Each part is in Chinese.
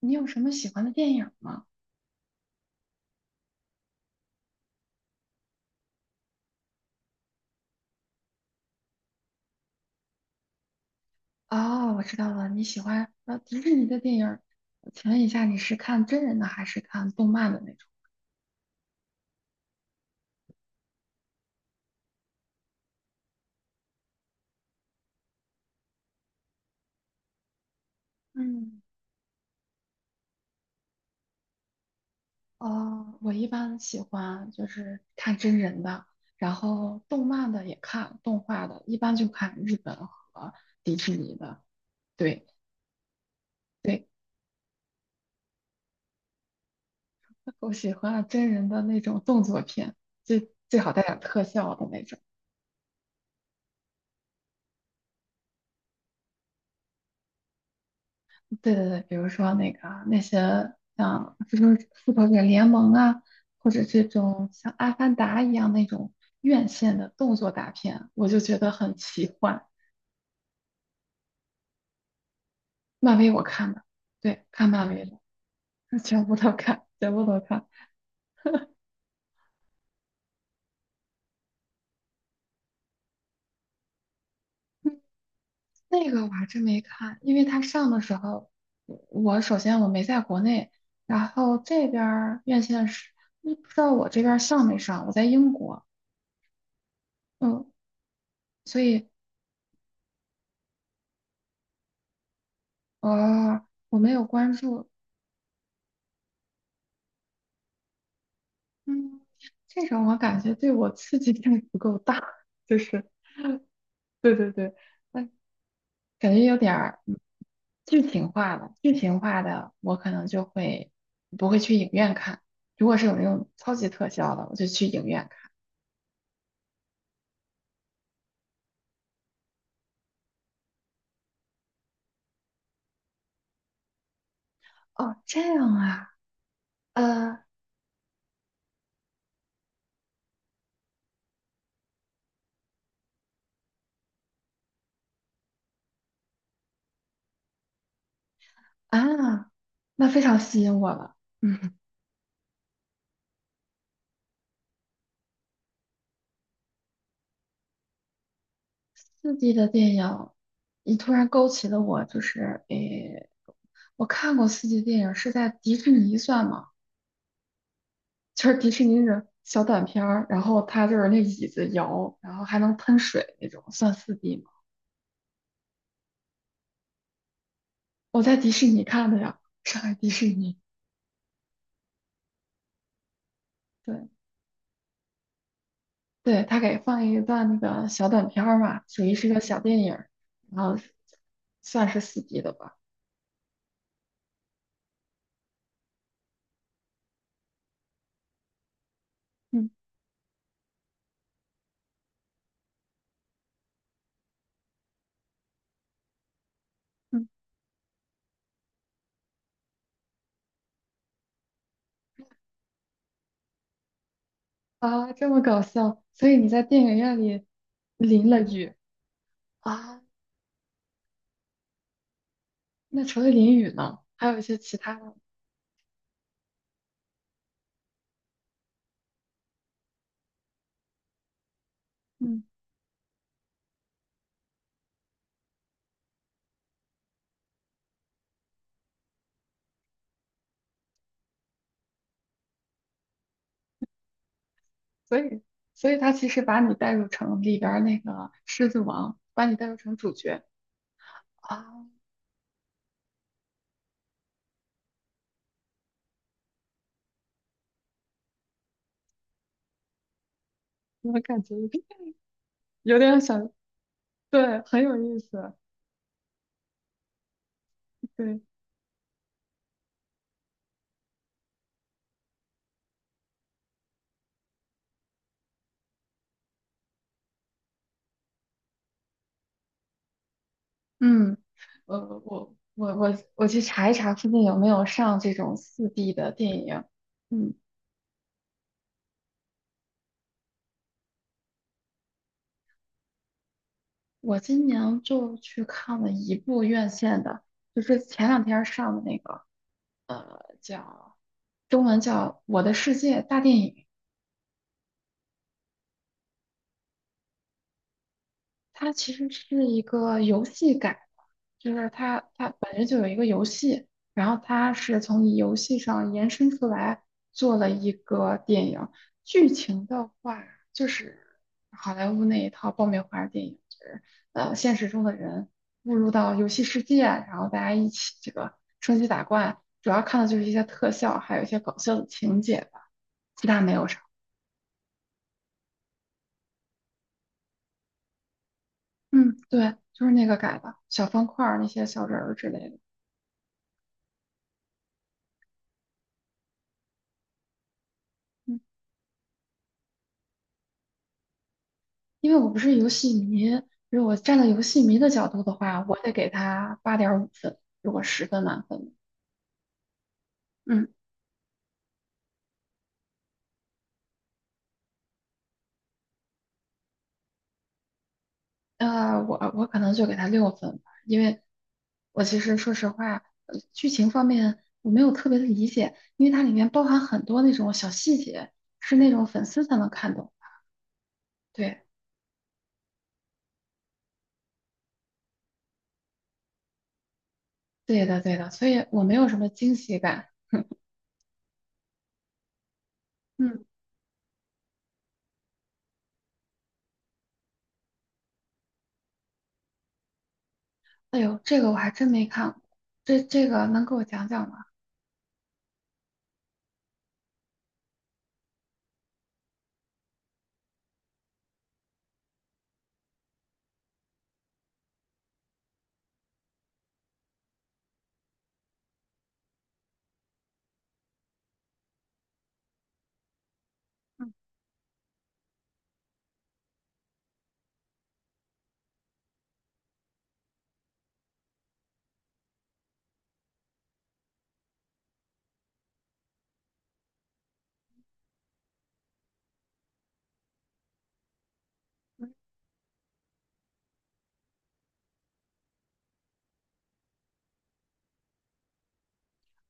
你有什么喜欢的电影吗？哦，我知道了，你喜欢迪士尼的电影。请问一下，你是看真人的还是看动漫的那种？嗯，哦，我一般喜欢就是看真人的，然后动漫的也看，动画的一般就看日本和迪士尼的。对对，我喜欢真人的那种动作片，最好带点特效的那种。对对对，比如说那个啊那些像复仇者联盟啊，或者这种像阿凡达一样那种院线的动作大片，我就觉得很奇幻。漫威我看的，对，看漫威的，全部都看，全部都看。嗯那个我还真没看，因为它上的时候，首先我没在国内，然后这边儿院线是不知道我这边儿上没上，我在英国，嗯，所以呃我没有关注。嗯，这种我感觉对我刺激性不够大，就是，对对对，那感觉有点儿剧情化了。剧情化的我可能就会不会去影院看，如果是有那种超级特效的，我就去影院看。哦，这样啊，呃啊，那非常吸引我了。嗯，刺激的电影，你突然勾起了我，就是诶，我看过刺激电影是在迪士尼算吗？就是迪士尼的小短片儿，然后它就是那椅子摇，然后还能喷水那种，算四 d 吗？我在迪士尼看的呀，上海迪士尼。对对，他给放一段那个小短片儿嘛，属于是个小电影儿，然后算是四 d 的吧。嗯嗯啊，这么搞笑，所以你在电影院里淋了雨啊？那除了淋雨呢，还有一些其他的？嗯。所以，所以他其实把你带入成里边儿那个狮子王，把你带入成主角啊 我感觉 有点想，对，很有意思，对，嗯，我我去查一查附近有没有上这种四 d 的电影，嗯，我今年就去看了一部院线的，就是前两天上的那个，呃，叫中文叫《我的世界大电影》，它其实是一个游戏改的，就是它本身就有一个游戏，然后它是从游戏上延伸出来做了一个电影。剧情的话，就是好莱坞那一套爆米花电影，就是现实中的人误入到游戏世界，然后大家一起这个升级打怪，主要看的就是一些特效，还有一些搞笑的情节吧，其他没有啥。嗯，对，就是那个改的，小方块儿那些小人儿之类的。嗯因为我不是游戏迷，如果站在游戏迷的角度的话，我得给他8.5分。如果10分满分，嗯，我可能就给他6分吧，因为我其实说实话，剧情方面我没有特别的理解，因为它里面包含很多那种小细节，是那种粉丝才能看懂。对，对的，对的，所以我没有什么惊喜感。嗯，哎呦，这个我还真没看过，这个能给我讲讲吗？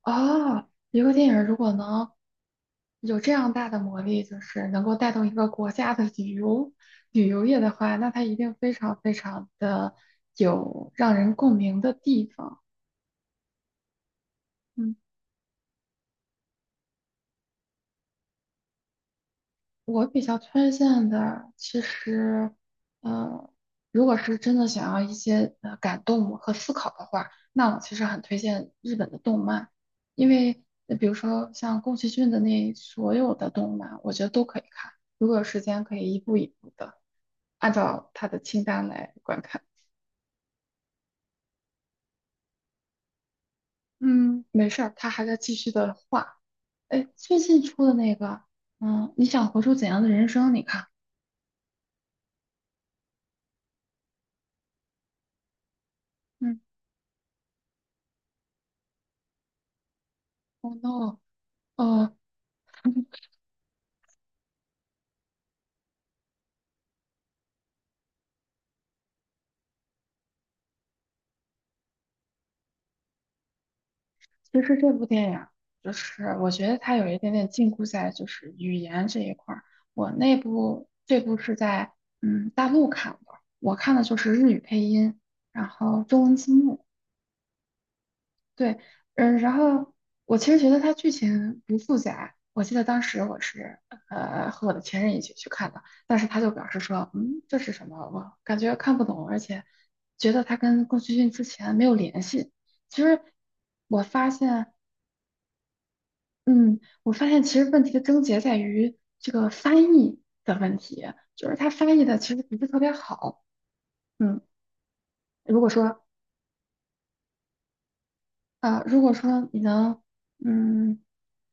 哦，一个电影如果能，有这样大的魔力，就是能够带动一个国家的旅游业的话，那它一定非常非常的有让人共鸣的地方。嗯。我比较推荐的，其实，呃，如果是真的想要一些感动和思考的话，那我其实很推荐日本的动漫，因为比如说像宫崎骏的那所有的动漫，我觉得都可以看，如果有时间可以一步一步的按照他的清单来观看。嗯，没事儿，他还在继续的画。哎，最近出的那个，你想活出怎样的人生？你看，嗯，Oh no。哦。其实这部电影就是我觉得它有一点点禁锢在就是语言这一块儿。我这部是在大陆看的，我看的就是日语配音，然后中文字幕。对，然后我其实觉得它剧情不复杂。我记得当时我是和我的前任一起去看的，但是他就表示说，这是什么？我感觉看不懂，而且觉得它跟宫崎骏之前没有联系。其实我发现。嗯，我发现其实问题的症结在于这个翻译的问题，就是它翻译的其实不是特别好。嗯，如果说啊、呃如果说你能，嗯，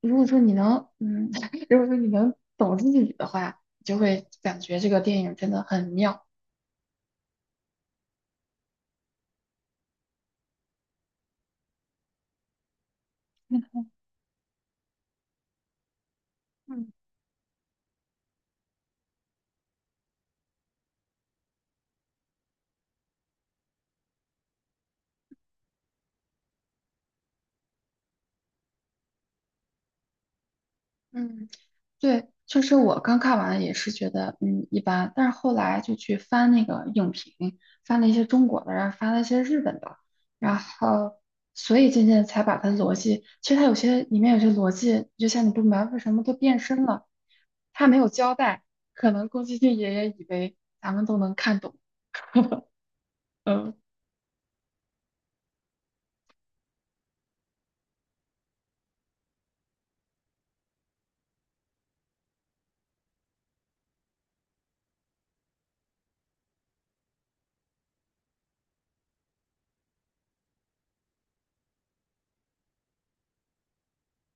如果说你能，嗯，如果说你能懂日语的话，你就会感觉这个电影真的很妙。嗯嗯。对，就是我刚看完也是觉得一般，但是后来就去翻那个影评，翻了一些中国的，然后翻了一些日本的，然后所以渐渐才把它逻辑，其实它有些里面有些逻辑，就像你不明白为什么都变身了，它没有交代，可能宫崎骏爷爷以为咱们都能看懂。嗯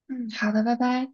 嗯，好的，拜拜。